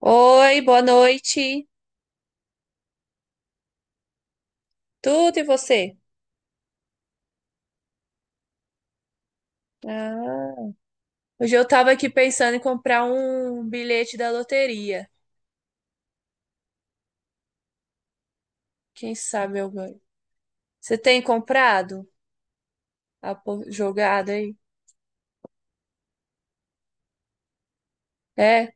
Oi, boa noite. Tudo e você? Ah, hoje eu tava aqui pensando em comprar um bilhete da loteria. Quem sabe eu ganho. Você tem comprado jogada aí? É?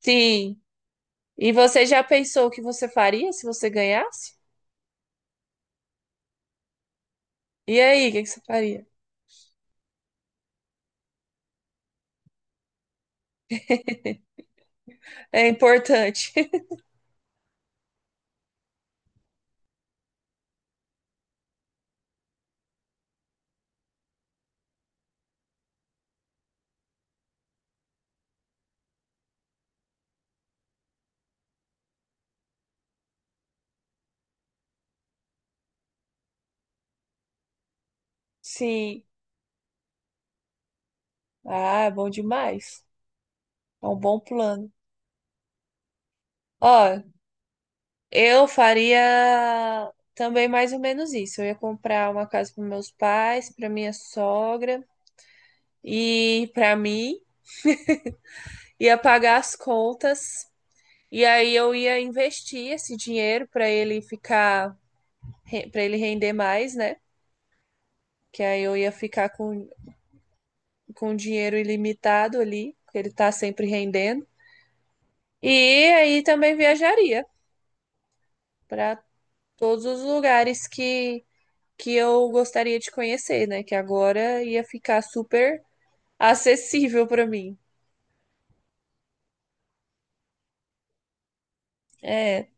Sim. E você já pensou o que você faria se você ganhasse? E aí, o que que você faria? É importante. Sim. Ah, é bom demais. É um bom plano. Ó, eu faria também mais ou menos isso. Eu ia comprar uma casa para meus pais, para minha sogra e para mim, ia pagar as contas e aí eu ia investir esse dinheiro para ele ficar, para ele render mais, né? Que aí eu ia ficar com dinheiro ilimitado ali, que ele tá sempre rendendo. E aí também viajaria para todos os lugares que eu gostaria de conhecer, né? Que agora ia ficar super acessível para mim. É,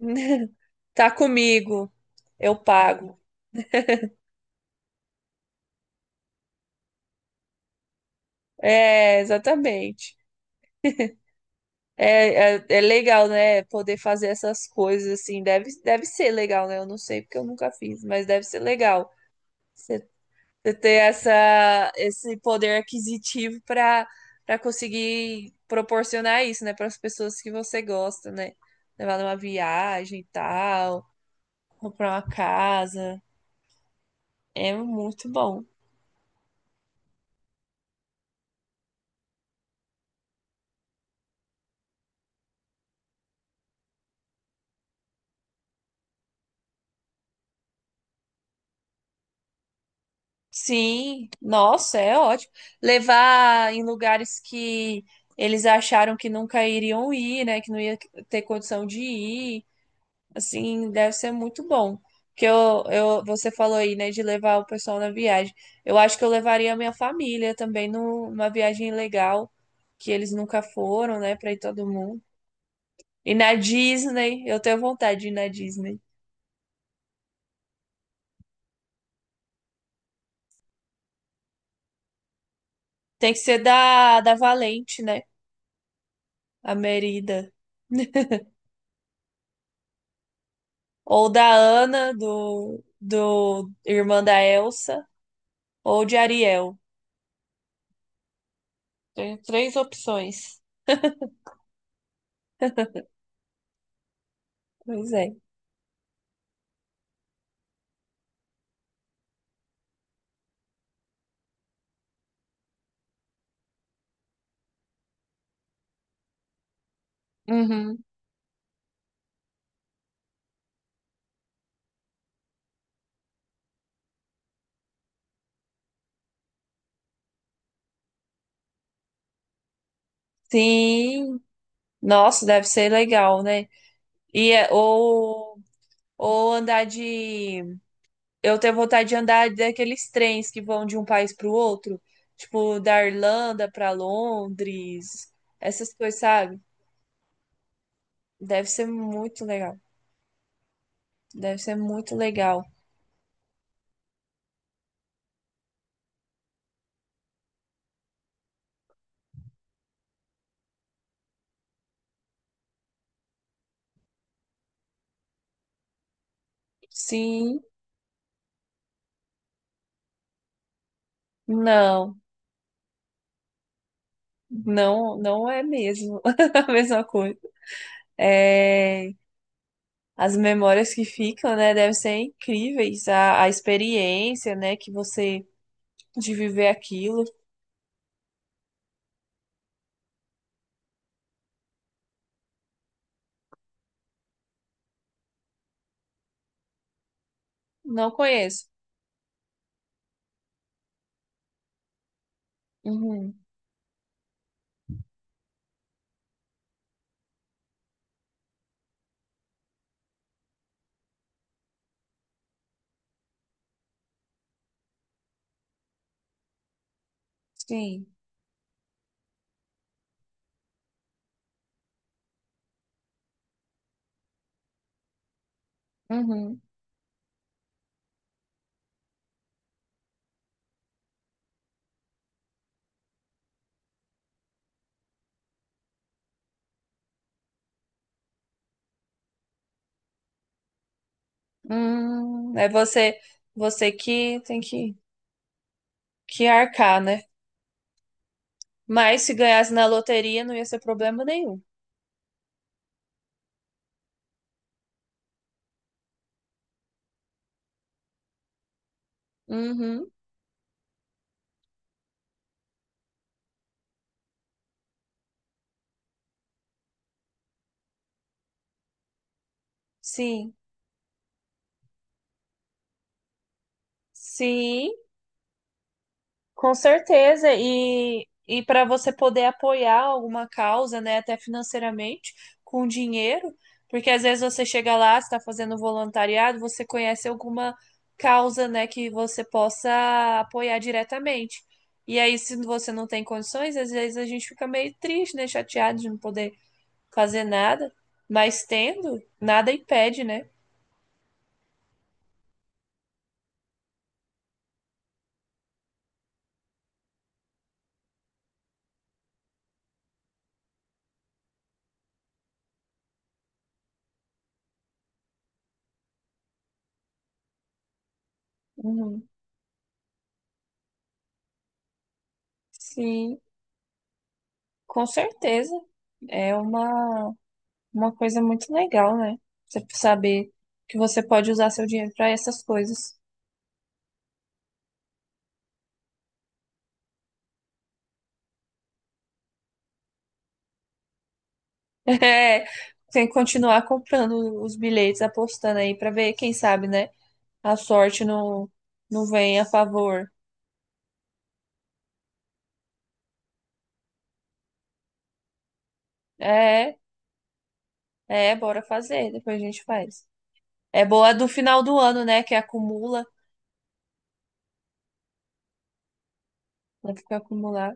tá comigo, eu pago. É, exatamente. É, é, é legal, né? Poder fazer essas coisas assim. Deve, deve ser legal, né? Eu não sei porque eu nunca fiz, mas deve ser legal. Você você ter essa, esse poder aquisitivo para para conseguir proporcionar isso, né? Para as pessoas que você gosta, né? Levar numa viagem e tal, comprar uma casa. É muito bom. Sim, nossa, é ótimo. Levar em lugares que eles acharam que nunca iriam ir, né? Que não ia ter condição de ir. Assim, deve ser muito bom. Porque eu, você falou aí, né, de levar o pessoal na viagem. Eu acho que eu levaria a minha família também numa viagem legal, que eles nunca foram, né, pra ir todo mundo. E na Disney, eu tenho vontade de ir na Disney. Tem que ser da, da Valente, né? A Merida. Ou da Ana, do, do irmã da Elsa, ou de Ariel. Tem três opções. Pois é. Uhum. Sim. Nossa, deve ser legal, né? E é- ou andar de. Eu tenho vontade de andar daqueles trens que vão de um país para o outro, tipo da Irlanda para Londres, essas coisas, sabe? Deve ser muito legal. Deve ser muito legal. Sim, não. Não, não é mesmo a mesma coisa. É, as memórias que ficam, né, devem ser incríveis. A experiência, né, que você de viver aquilo. Não conheço. Uhum, sim. Uhum. É você, você que tem que arcar, né? Mas se ganhasse na loteria, não ia ser problema nenhum. Uhum, sim. Sim. Com certeza, e para você poder apoiar alguma causa, né, até financeiramente, com dinheiro, porque às vezes você chega lá, está fazendo voluntariado, você conhece alguma causa, né, que você possa apoiar diretamente. E aí, se você não tem condições, às vezes a gente fica meio triste, né, chateado de não poder fazer nada, mas tendo, nada impede, né? Uhum. Sim, com certeza. É uma coisa muito legal, né? Você saber que você pode usar seu dinheiro para essas coisas. É, tem que continuar comprando os bilhetes, apostando aí para ver, quem sabe, né? A sorte não, não vem a favor. É, é, bora fazer, depois a gente faz. É boa do final do ano, né? Que acumula, né? Fica acumular.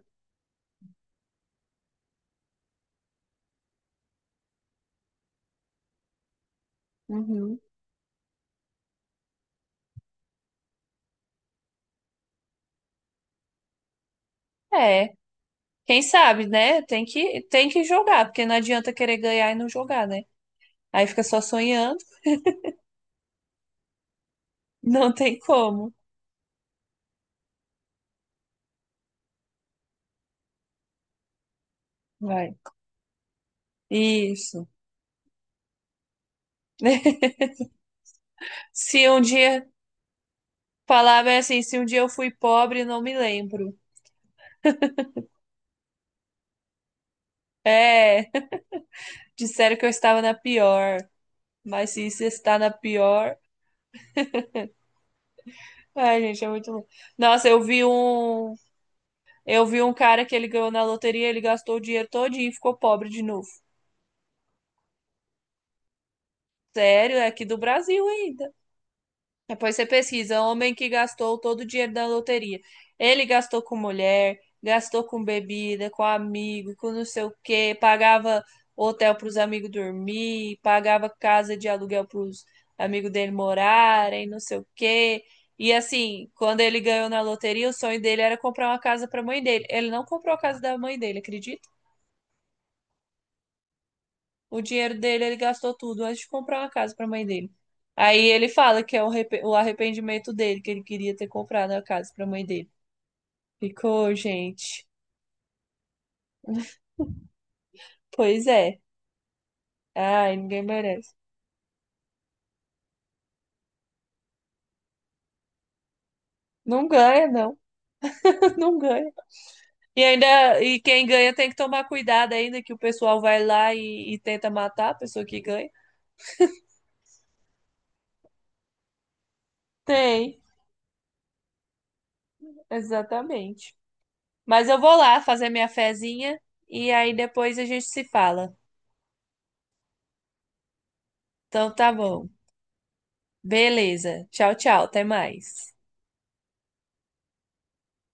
Uhum. É, quem sabe, né? Tem que jogar, porque não adianta querer ganhar e não jogar, né? Aí fica só sonhando, não tem como. Vai. Isso. Se um dia falava assim, se um dia eu fui pobre, não me lembro. É, disseram que eu estava na pior, mas se isso está na pior, ai, gente, é muito louco. Nossa, eu vi um cara que ele ganhou na loteria, ele gastou o dinheiro todinho e ficou pobre de novo. Sério, é aqui do Brasil ainda. Depois você pesquisa, homem que gastou todo o dinheiro da loteria. Ele gastou com mulher, gastou com bebida, com amigo, com não sei o quê, pagava hotel para os amigos dormir, pagava casa de aluguel para os amigos dele morarem, não sei o quê. E assim, quando ele ganhou na loteria, o sonho dele era comprar uma casa para a mãe dele. Ele não comprou a casa da mãe dele, acredita? O dinheiro dele ele gastou tudo antes de comprar uma casa pra mãe dele. Aí ele fala que é o o arrependimento dele, que ele queria ter comprado a casa pra mãe dele. Ficou, gente. Pois é. Ai, ninguém merece. Não ganha, não. Não ganha. E ainda, e quem ganha tem que tomar cuidado ainda, que o pessoal vai lá e tenta matar a pessoa que ganha. Tem, exatamente. Mas eu vou lá fazer minha fezinha e aí depois a gente se fala. Então tá bom. Beleza. Tchau, tchau. Até mais.